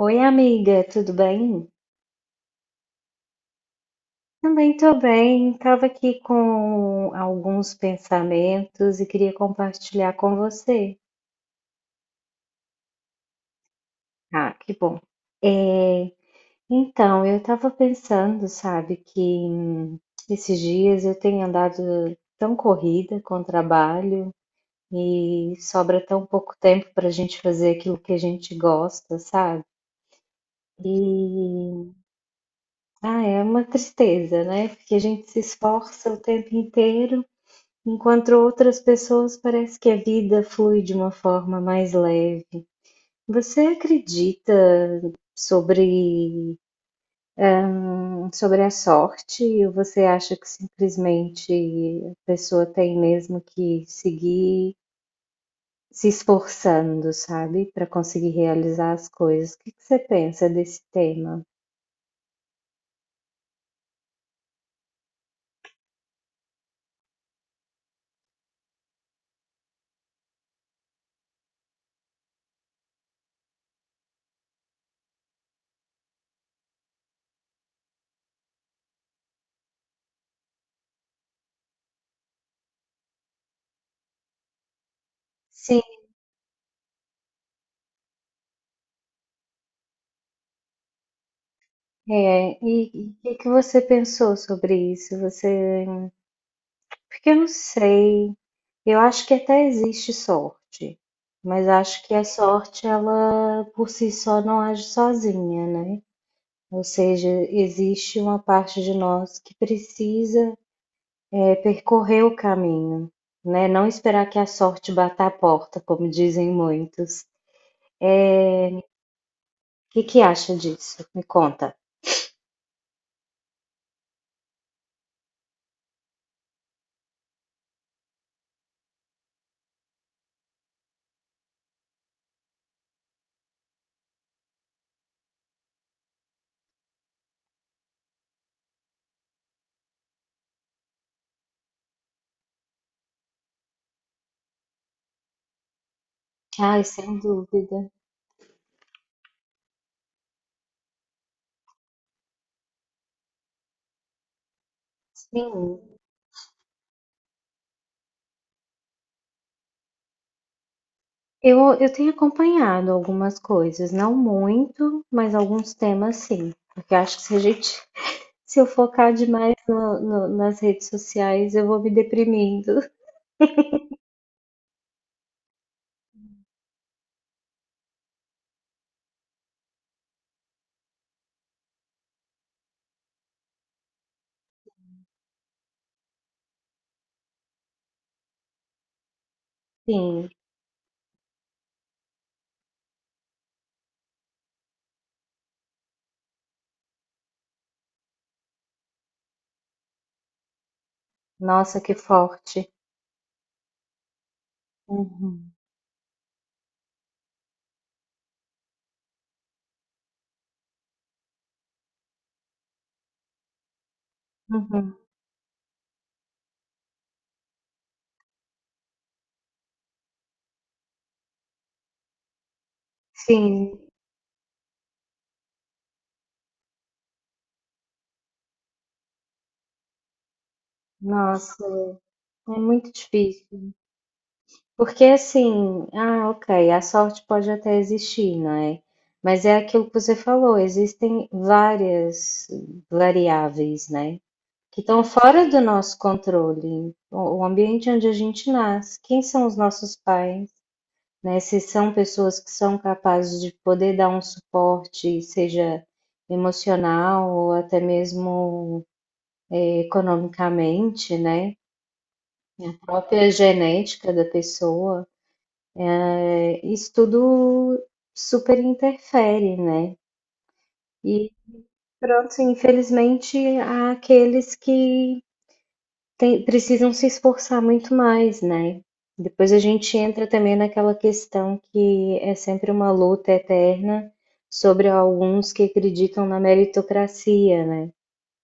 Oi, amiga, tudo bem? Também tô bem. Estava aqui com alguns pensamentos e queria compartilhar com você. Ah, que bom. É, então, eu estava pensando, sabe, que esses dias eu tenho andado tão corrida com o trabalho e sobra tão pouco tempo para a gente fazer aquilo que a gente gosta, sabe? E ah, é uma tristeza, né? Porque a gente se esforça o tempo inteiro. Enquanto outras pessoas, parece que a vida flui de uma forma mais leve. Você acredita sobre, sobre a sorte, ou você acha que simplesmente a pessoa tem mesmo que seguir se esforçando, sabe, para conseguir realizar as coisas? O que que você pensa desse tema? Sim, é. E o que que você pensou sobre isso? Você... Porque eu não sei, eu acho que até existe sorte, mas acho que a sorte, ela por si só não age sozinha, né? Ou seja, existe uma parte de nós que precisa, é, percorrer o caminho, né? Não esperar que a sorte bata a porta, como dizem muitos. O que que acha disso? Me conta. Ai, sem dúvida. Sim. Eu tenho acompanhado algumas coisas, não muito, mas alguns temas sim. Porque eu acho que se a gente, se eu focar demais nas redes sociais, eu vou me deprimindo. Sim, nossa, que forte. Uhum, uhum. Sim, nossa, é muito difícil. Porque assim, ah, ok, a sorte pode até existir, não é? Mas é aquilo que você falou, existem várias variáveis, né? Que estão fora do nosso controle, o ambiente onde a gente nasce, quem são os nossos pais, né? Se são pessoas que são capazes de poder dar um suporte, seja emocional ou até mesmo economicamente, né? A própria genética da pessoa, é, isso tudo super interfere, né? E pronto, infelizmente há aqueles que precisam se esforçar muito mais, né? Depois a gente entra também naquela questão que é sempre uma luta eterna sobre alguns que acreditam na meritocracia, né?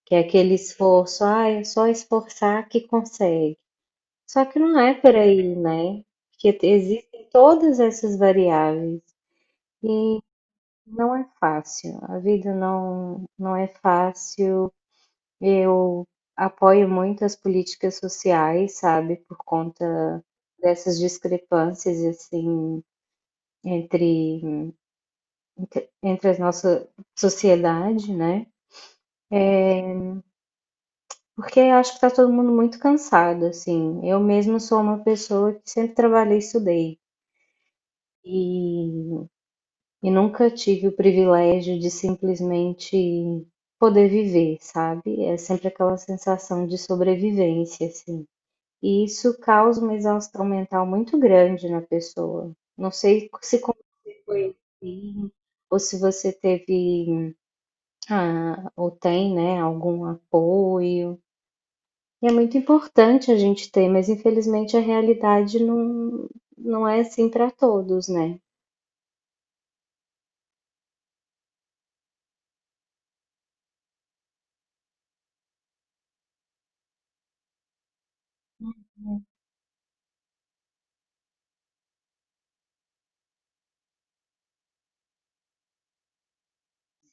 Que é aquele esforço, ah, é só esforçar que consegue. Só que não é por aí, né? Porque existem todas essas variáveis e não é fácil. A vida não, não é fácil. Eu apoio muito as políticas sociais, sabe, por conta dessas discrepâncias, assim, entre, entre a nossa sociedade, né? Porque eu acho que tá todo mundo muito cansado, assim. Eu mesmo sou uma pessoa que sempre trabalhei e estudei. E, e nunca tive o privilégio de simplesmente poder viver, sabe? É sempre aquela sensação de sobrevivência, assim. E isso causa uma exaustão mental muito grande na pessoa. Não sei se comigo assim, ou se você teve, ah, ou tem, né, algum apoio. E é muito importante a gente ter, mas infelizmente a realidade não, não é assim para todos, né.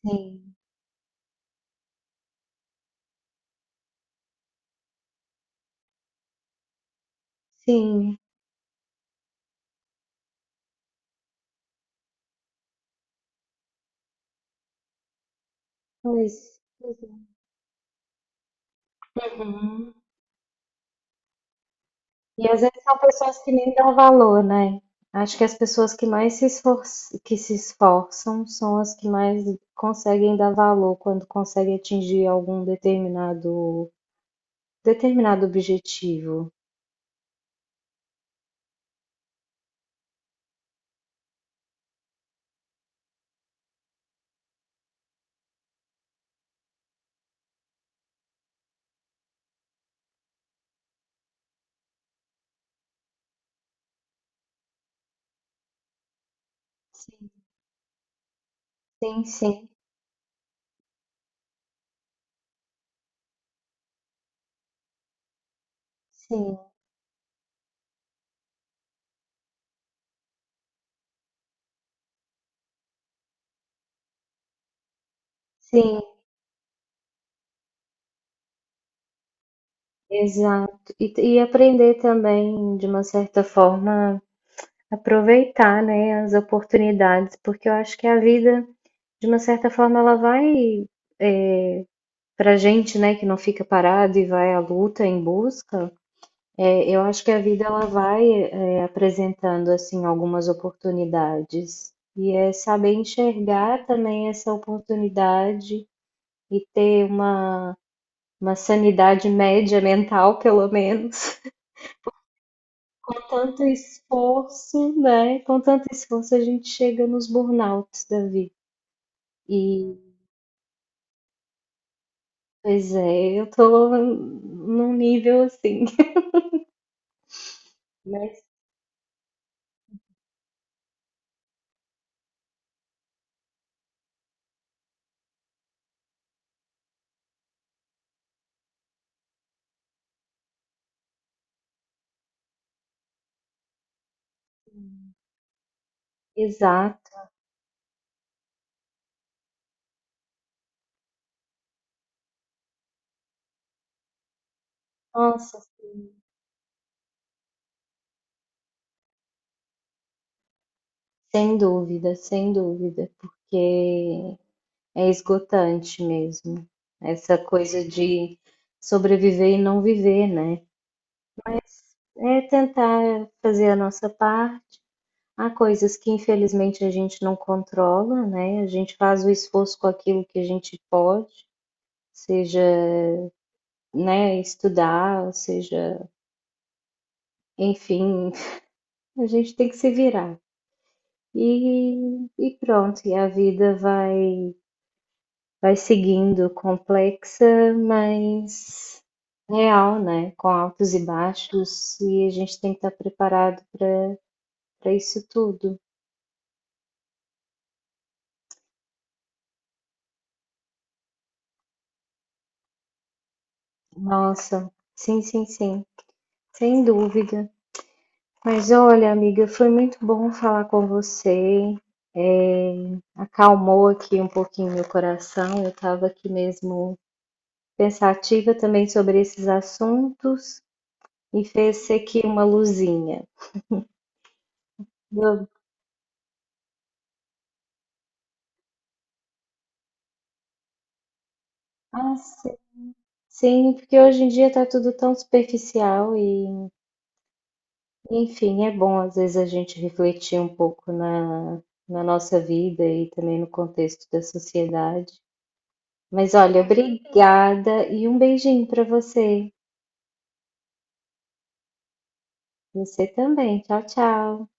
Sim, sim, pois. Uhum. E às vezes são pessoas que nem dão valor, né. Acho que as pessoas que mais se esfor que se esforçam são as que mais conseguem dar valor quando conseguem atingir algum determinado objetivo. Sim, sim, sim, sim, sim, exato. E aprender também, de uma certa forma, aproveitar, né, as oportunidades, porque eu acho que a vida, de uma certa forma, ela vai... Pra gente, né, que não fica parado e vai à luta em busca, é, eu acho que a vida, ela vai, é, apresentando assim algumas oportunidades, e é saber enxergar também essa oportunidade e ter uma sanidade média mental, pelo menos. Com tanto esforço, né? Com tanto esforço a gente chega nos burnouts da vida. E, pois é, eu tô num nível assim, mas exato. Nossa, sem dúvida, sem dúvida, porque é esgotante mesmo. Essa coisa de sobreviver e não viver, né? É tentar fazer a nossa parte. Há coisas que infelizmente a gente não controla, né? A gente faz o esforço com aquilo que a gente pode, seja, né, estudar, ou seja, enfim, a gente tem que se virar. E pronto, e a vida vai vai seguindo, complexa, mas real, né? Com altos e baixos, e a gente tem que estar preparado para para isso tudo. Nossa, sim, sim, sim, sem dúvida. Mas olha, amiga, foi muito bom falar com você. É, acalmou aqui um pouquinho meu coração. Eu estava aqui mesmo pensativa também sobre esses assuntos e fez aqui uma luzinha. Mas sim, porque hoje em dia tá tudo tão superficial e, enfim, é bom às vezes a gente refletir um pouco na, na nossa vida e também no contexto da sociedade. Mas olha, obrigada e um beijinho pra você. Você também. Tchau, tchau.